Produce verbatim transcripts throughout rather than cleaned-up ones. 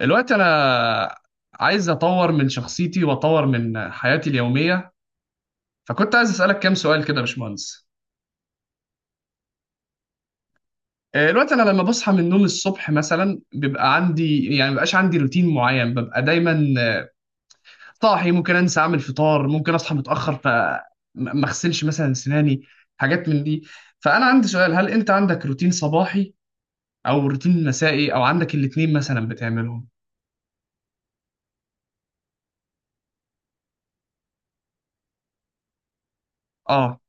دلوقتي انا عايز اطور من شخصيتي واطور من حياتي اليوميه، فكنت عايز اسالك كام سؤال كده يا باشمهندس. آه، دلوقتي انا لما بصحى من النوم الصبح مثلا بيبقى عندي يعني مبقاش عندي روتين معين، ببقى دايما آه، صاحي، ممكن انسى اعمل فطار، ممكن اصحى متاخر فما اغسلش مثلا سناني، حاجات من دي. فانا عندي سؤال: هل انت عندك روتين صباحي او روتين مسائي او عندك الاتنين مثلا بتعملهم؟ اه.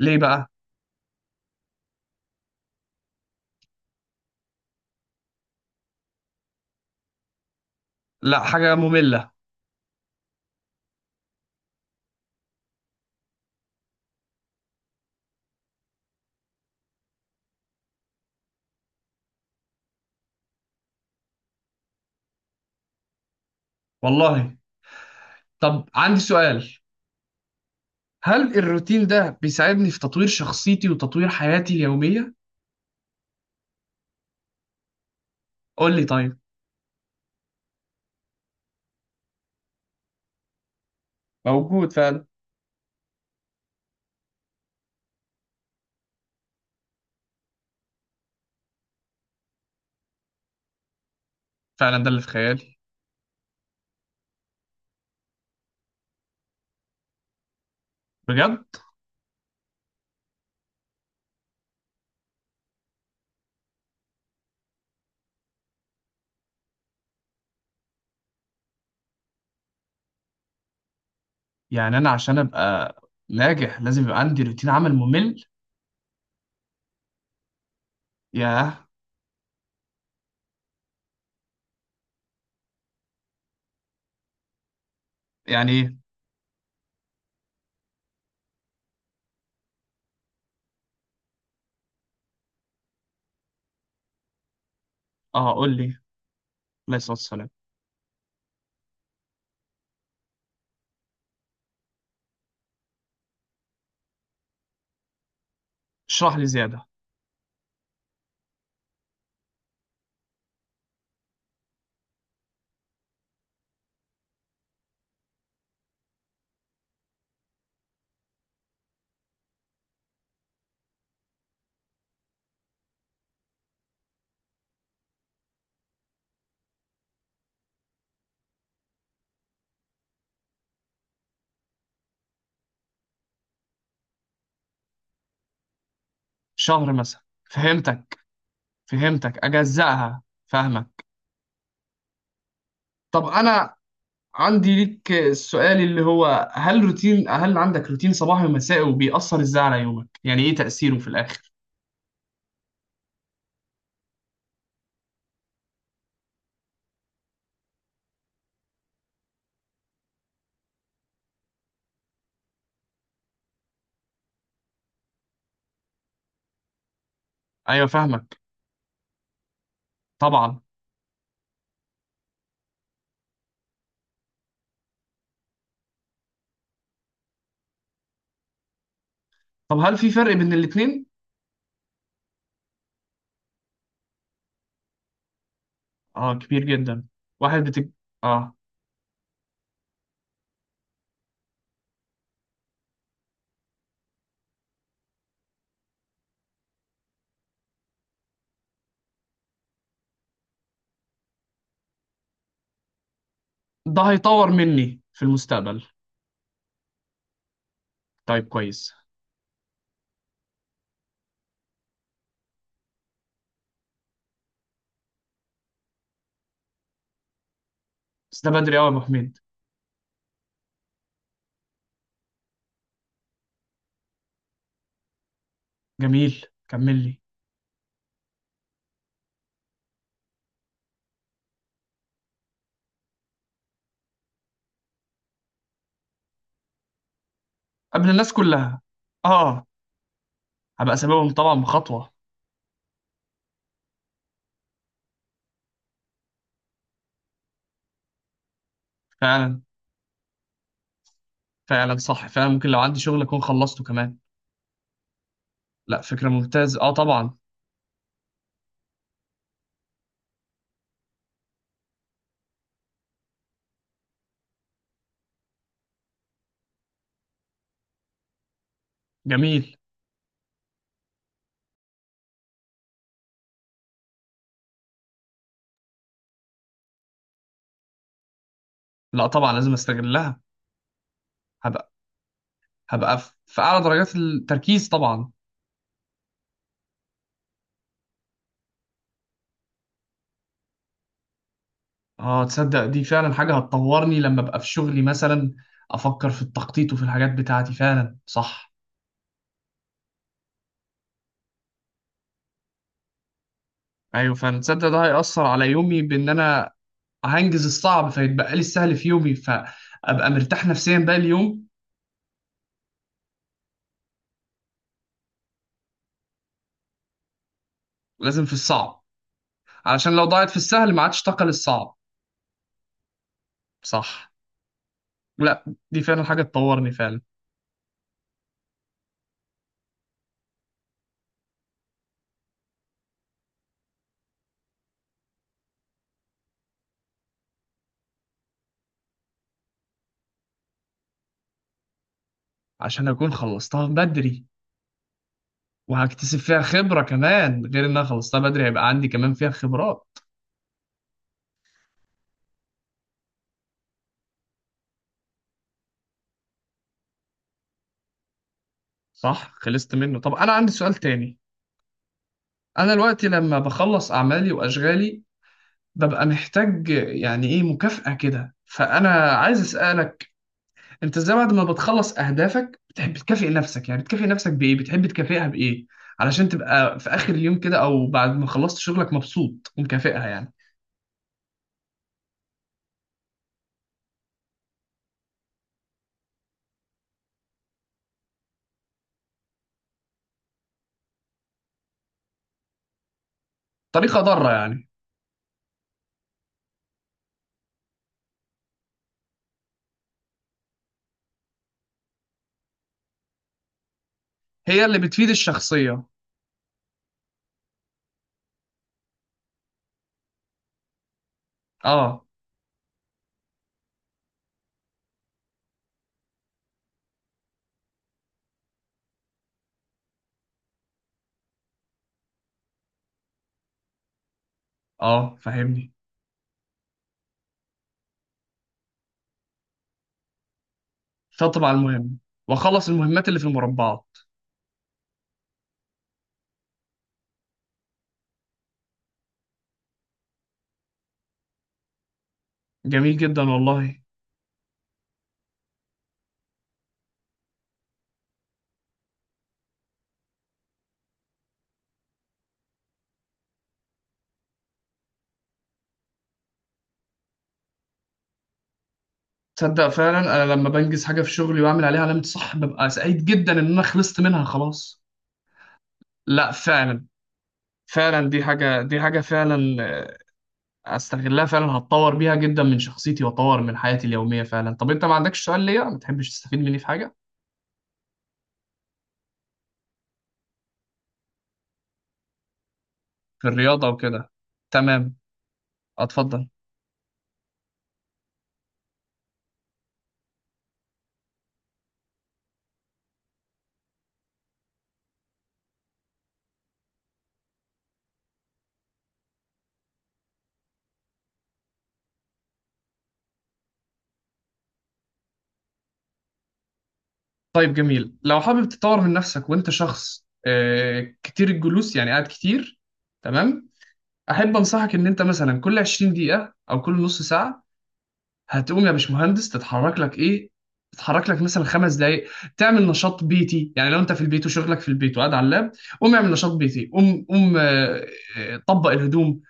ليه بقى؟ لا حاجه ممله. والله. طب عندي سؤال: هل الروتين ده بيساعدني في تطوير شخصيتي وتطوير حياتي اليومية؟ قول لي طيب. موجود فعلا. فعلا ده اللي في خيالي. بجد. يعني انا عشان ابقى ناجح لازم يبقى عندي روتين عمل ممل؟ ياه. يعني ايه؟ اه، قول لي. عليه الصلاه والسلام. اشرح لي زياده. شهر مثلا. فهمتك، فهمتك، اجزأها، فاهمك. طب انا عندي ليك السؤال اللي هو هل روتين هل عندك روتين صباحي ومسائي، وبيأثر ازاي على يومك؟ يعني ايه تأثيره في الاخر؟ ايوه فاهمك. طبعا. طب هل في فرق بين الاتنين؟ اه كبير جدا. واحد بتج... اه. ده هيطور مني في المستقبل. طيب كويس. بس ده بدري قوي يا ابو حميد. جميل، كمل لي. قبل الناس كلها. اه. هبقى سببهم طبعا بخطوة. فعلا. فعلا صح، فعلا ممكن لو عندي شغل اكون خلصته كمان. لا فكرة ممتازة، اه طبعا. جميل. لا طبعا لازم استغلها. هبقى هبقى في في اعلى درجات التركيز طبعا. اه تصدق دي فعلا حاجة هتطورني لما ابقى في شغلي مثلا، افكر في التخطيط وفي الحاجات بتاعتي، فعلا صح. ايوه فعلا، تصدق ده هيأثر على يومي بان انا هنجز الصعب فيتبقى لي السهل في يومي، فابقى مرتاح نفسيا بقى اليوم. لازم في الصعب. علشان لو ضاعت في السهل ما عادش طاقة للصعب. صح. لا دي فعلا حاجة تطورني فعلا. عشان اكون خلصتها بدري، وهكتسب فيها خبرة كمان، غير ان انا خلصتها بدري هيبقى عندي كمان فيها خبرات. صح خلصت منه. طب انا عندي سؤال تاني. انا دلوقتي لما بخلص اعمالي واشغالي ببقى محتاج يعني ايه مكافأة كده، فانا عايز اسالك انت ازاي بعد ما بتخلص اهدافك بتحب تكافئ نفسك؟ يعني بتكافئ نفسك بايه؟ بتحب تكافئها بايه علشان تبقى في اخر اليوم كده او بعد ما خلصت شغلك مبسوط ومكافئها يعني؟ طريقة ضارة يعني. هي اللي بتفيد الشخصية. اه. اه فاهمني. شاطب على المهم. واخلص المهمات اللي في المربعات. جميل جدا والله. تصدق فعلا انا لما بنجز حاجه في شغلي واعمل عليها علامه صح ببقى سعيد جدا ان انا خلصت منها خلاص. لا فعلا. فعلا دي حاجه، دي حاجه فعلا آه، استغلها فعلا، هتطور بيها جدا من شخصيتي واطور من حياتي اليوميه فعلا. طب انت ما عندكش سؤال ليا؟ ما تحبش تستفيد مني في حاجه؟ في الرياضه وكده. تمام. اتفضل. طيب جميل. لو حابب تطور من نفسك وانت شخص آه، كتير الجلوس، يعني قاعد كتير. تمام. احب انصحك ان انت مثلا كل عشرين دقيقه او كل نص ساعه هتقوم يا باشمهندس تتحرك لك ايه، تتحرك لك مثلا خمس دقايق، تعمل نشاط بيتي. يعني لو انت في البيت وشغلك في البيت وقاعد على اللاب، قوم اعمل نشاط بيتي، قوم قوم آه، آه، طبق الهدوم،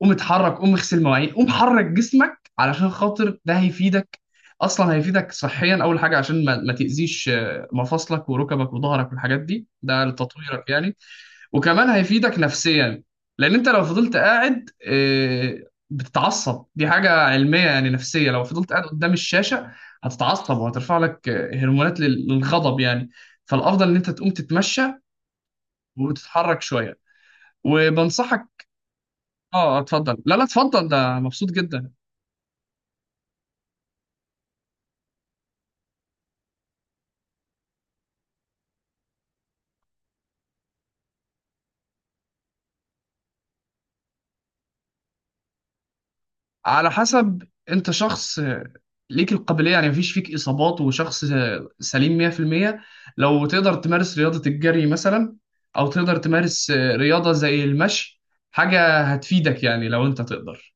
قوم اتحرك، قوم اغسل مواعين، قوم حرك جسمك، علشان خاطر ده هيفيدك. اصلا هيفيدك صحيا اول حاجه عشان ما, ما تاذيش آه، مفاصلك وركبك وظهرك والحاجات دي، ده لتطويرك يعني. وكمان هيفيدك نفسيا، لان انت لو فضلت قاعد آه، بتتعصب. دي حاجه علميه يعني نفسيه، لو فضلت قاعد قدام الشاشه هتتعصب وهترفع لك آه، هرمونات لل- للغضب يعني. فالافضل ان انت تقوم تتمشى وتتحرك شويه. وبنصحك. اه اتفضل، لا لا اتفضل، ده مبسوط جدا. على حسب، انت شخص ليك القابلية يعني مفيش فيك إصابات وشخص سليم مية في المية، لو تقدر تمارس رياضة الجري مثلا، أو تقدر تمارس رياضة زي المشي، حاجة هتفيدك يعني لو انت تقدر